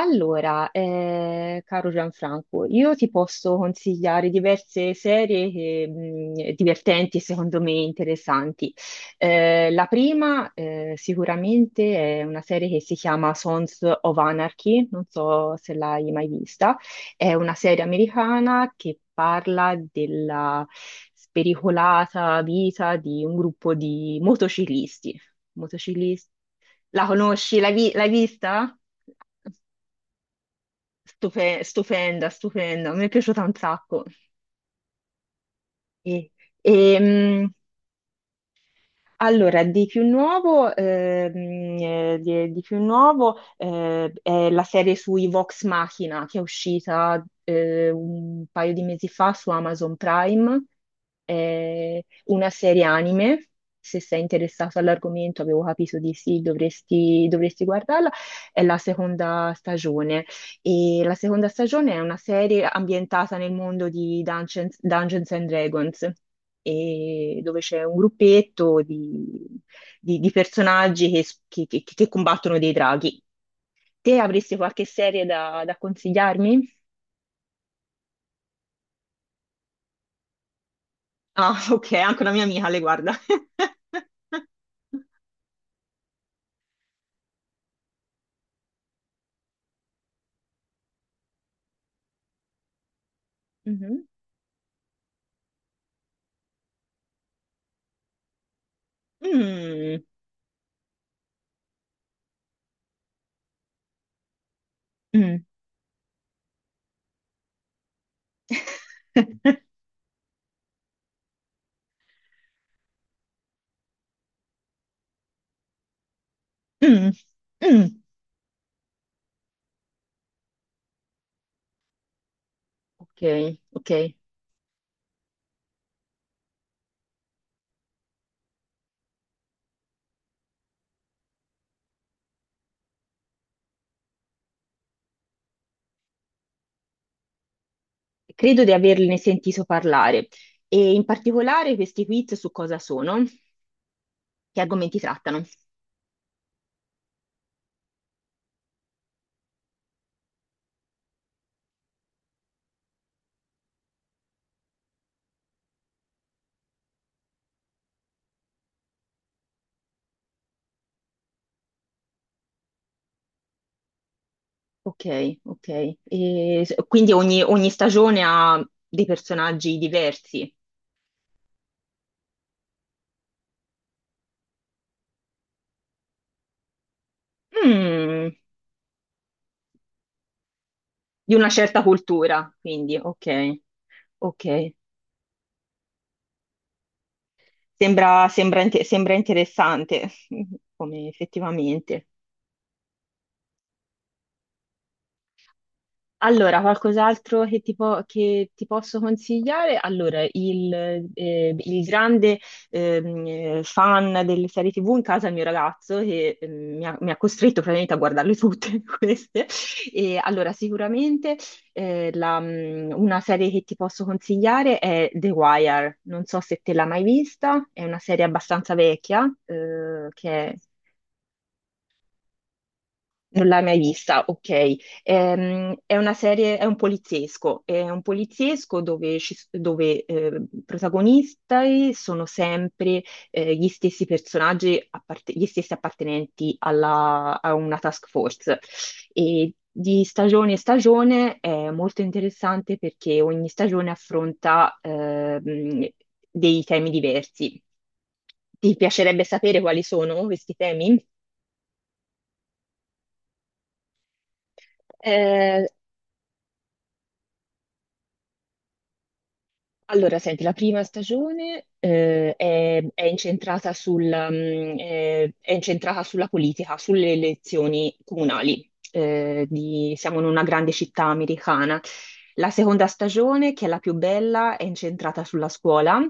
Allora, caro Gianfranco, io ti posso consigliare diverse serie che, divertenti e secondo me interessanti. La prima, sicuramente è una serie che si chiama Sons of Anarchy, non so se l'hai mai vista. È una serie americana che parla della spericolata vita di un gruppo di motociclisti. Motociclisti. La conosci? L'hai vista? Stupenda, stupenda, mi è piaciuta un sacco. E, e, mh, Allora, di più nuovo, di più nuovo, è la serie sui Vox Machina che è uscita, un paio di mesi fa su Amazon Prime, è una serie anime. Se sei interessato all'argomento, avevo capito di sì, dovresti guardarla. È la seconda stagione. E la seconda stagione è una serie ambientata nel mondo di Dungeons and Dragons, e dove c'è un gruppetto di personaggi che combattono dei draghi. Te avresti qualche serie da consigliarmi? Ah, ok, anche una mia amica le guarda. Mhm. Mm, mm. Mm, mm. Ok, ok. Credo di averne sentito parlare. E in particolare questi quiz su cosa sono, che argomenti trattano. Ok, ok. Quindi ogni stagione ha dei personaggi diversi. Mm, di una certa cultura, quindi ok, ok. Sembra sembra interessante, come effettivamente. Allora, qualcos'altro che che ti posso consigliare? Allora, il grande fan delle serie TV in casa è il mio ragazzo che mi ha costretto praticamente a guardarle tutte queste. E allora, sicuramente, una serie che ti posso consigliare è The Wire. Non so se te l'hai mai vista, è una serie abbastanza vecchia, che è. Non l'hai mai vista, ok. È una serie, è un poliziesco, dove, dove, protagonisti sono sempre, gli stessi personaggi, gli stessi appartenenti a una task force. E di stagione in stagione è molto interessante perché ogni stagione affronta, dei temi diversi. Ti piacerebbe sapere quali sono questi temi? Allora, senti, la prima stagione, è incentrata è incentrata sulla politica, sulle elezioni comunali. Siamo in una grande città americana. La seconda stagione, che è la più bella, è incentrata sulla scuola.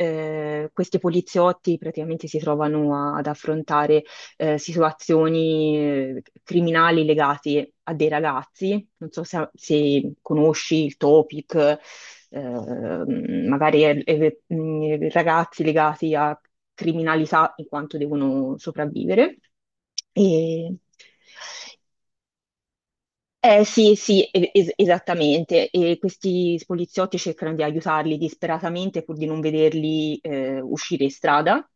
Questi poliziotti praticamente si trovano ad affrontare, situazioni, criminali legate a dei ragazzi. Non so se conosci il topic, eh, magari ragazzi legati a criminalità in quanto devono sopravvivere. E, sì, sì, esattamente. E questi poliziotti cercano di aiutarli disperatamente pur di non vederli, uscire in strada.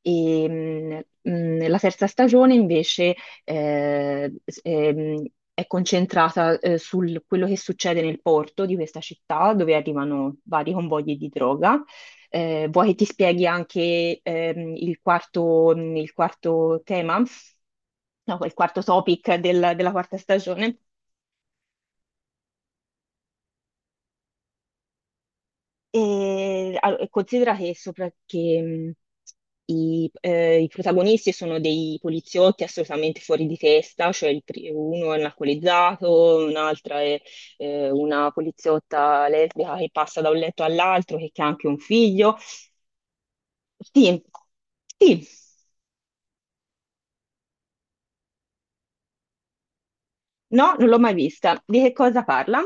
E, mh, mh, Nella terza stagione invece eh, s- ehm, è concentrata, su quello che succede nel porto di questa città dove arrivano vari convogli di droga. Vuoi che ti spieghi anche, il quarto, tema, no, il quarto topic della quarta stagione? Considera che, i protagonisti sono dei poliziotti assolutamente fuori di testa, cioè uno è un alcolizzato, un'altra è, una poliziotta lesbica che passa da un letto all'altro, che ha anche un figlio. Sì, sì, no, non l'ho mai vista. Di che cosa parla?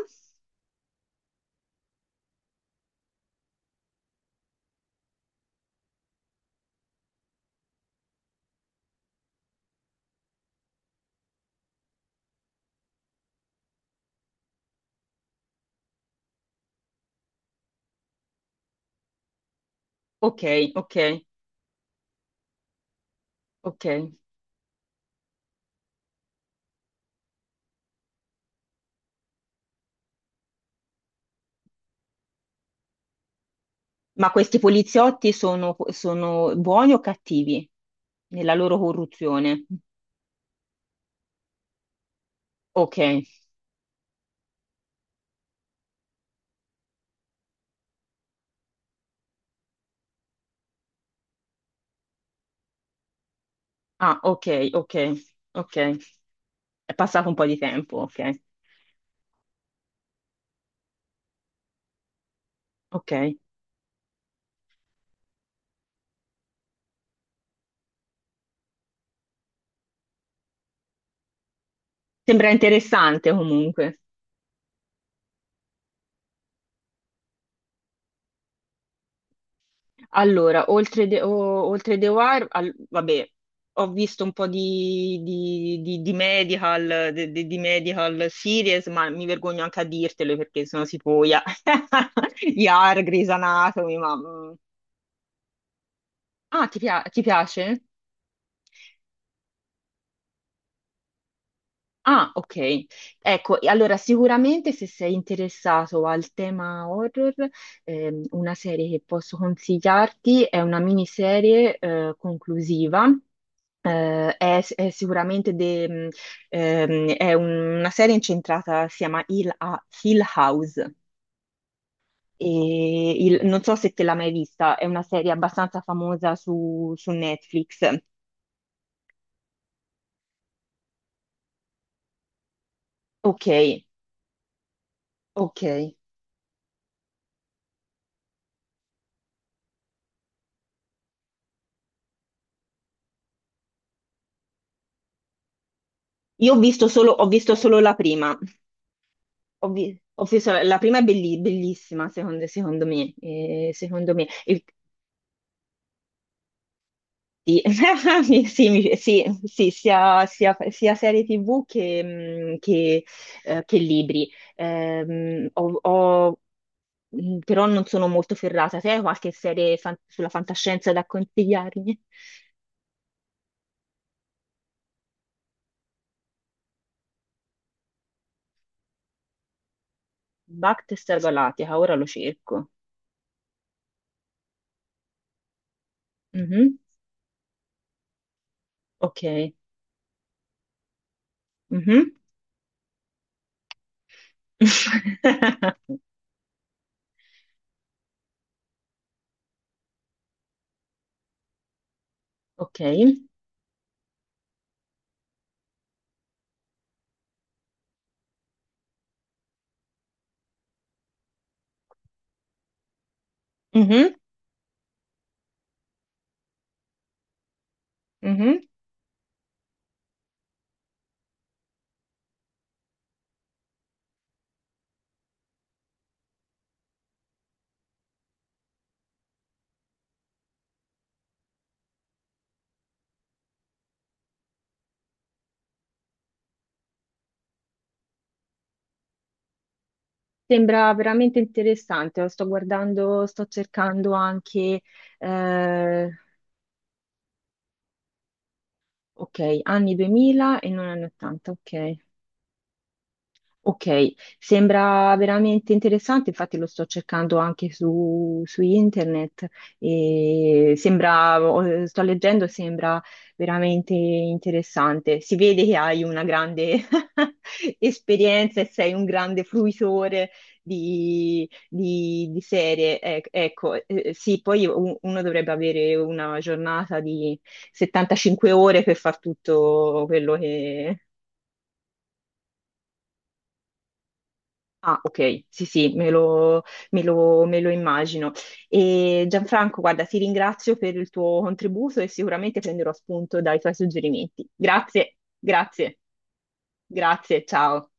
Ok, ok, ok. Ma questi poliziotti sono buoni o cattivi nella loro corruzione? Ok, ah, ok, ok, ok. È passato un po' di tempo, ok, ok. Sembra interessante comunque. Allora, oltre The Wire, vabbè, ho visto un po' di medical, di medical series, ma mi vergogno anche a dirtelo perché sono tipo, yeah. Yar, Grey's Anatomy, ma... mm. Ah, ti piace? Ah, ok. Ecco, e allora sicuramente se sei interessato al tema horror, una serie che posso consigliarti è una miniserie, conclusiva. È sicuramente una serie incentrata, si chiama Hill House. Non so se te l'hai mai vista, è una serie abbastanza famosa su Netflix. Ok, ok. Io ho visto solo la prima. Ho visto la prima, è bellissima, secondo me. Secondo me. Sì, sì, sì, sì, sia serie TV che libri. Però non sono molto ferrata. Te hai qualche serie sulla fantascienza da consigliarmi? Battlestar Galactica, ora lo cerco. Mhm. Ok. Mhm. Ok. Mhm, mhm. Sembra veramente interessante, lo sto guardando, sto cercando anche, eh, ok, anni 2000 e non anni 80, ok. Ok, sembra veramente interessante, infatti lo sto cercando anche su internet e sembra, sto leggendo, sembra veramente interessante. Si vede che hai una grande esperienza e sei un grande fruitore di serie. Ecco, sì, poi uno dovrebbe avere una giornata di 75 ore per far tutto quello. Ah, ok, sì, sì, me lo immagino. E Gianfranco, guarda, ti ringrazio per il tuo contributo e sicuramente prenderò spunto dai tuoi suggerimenti. Grazie, grazie, grazie, ciao.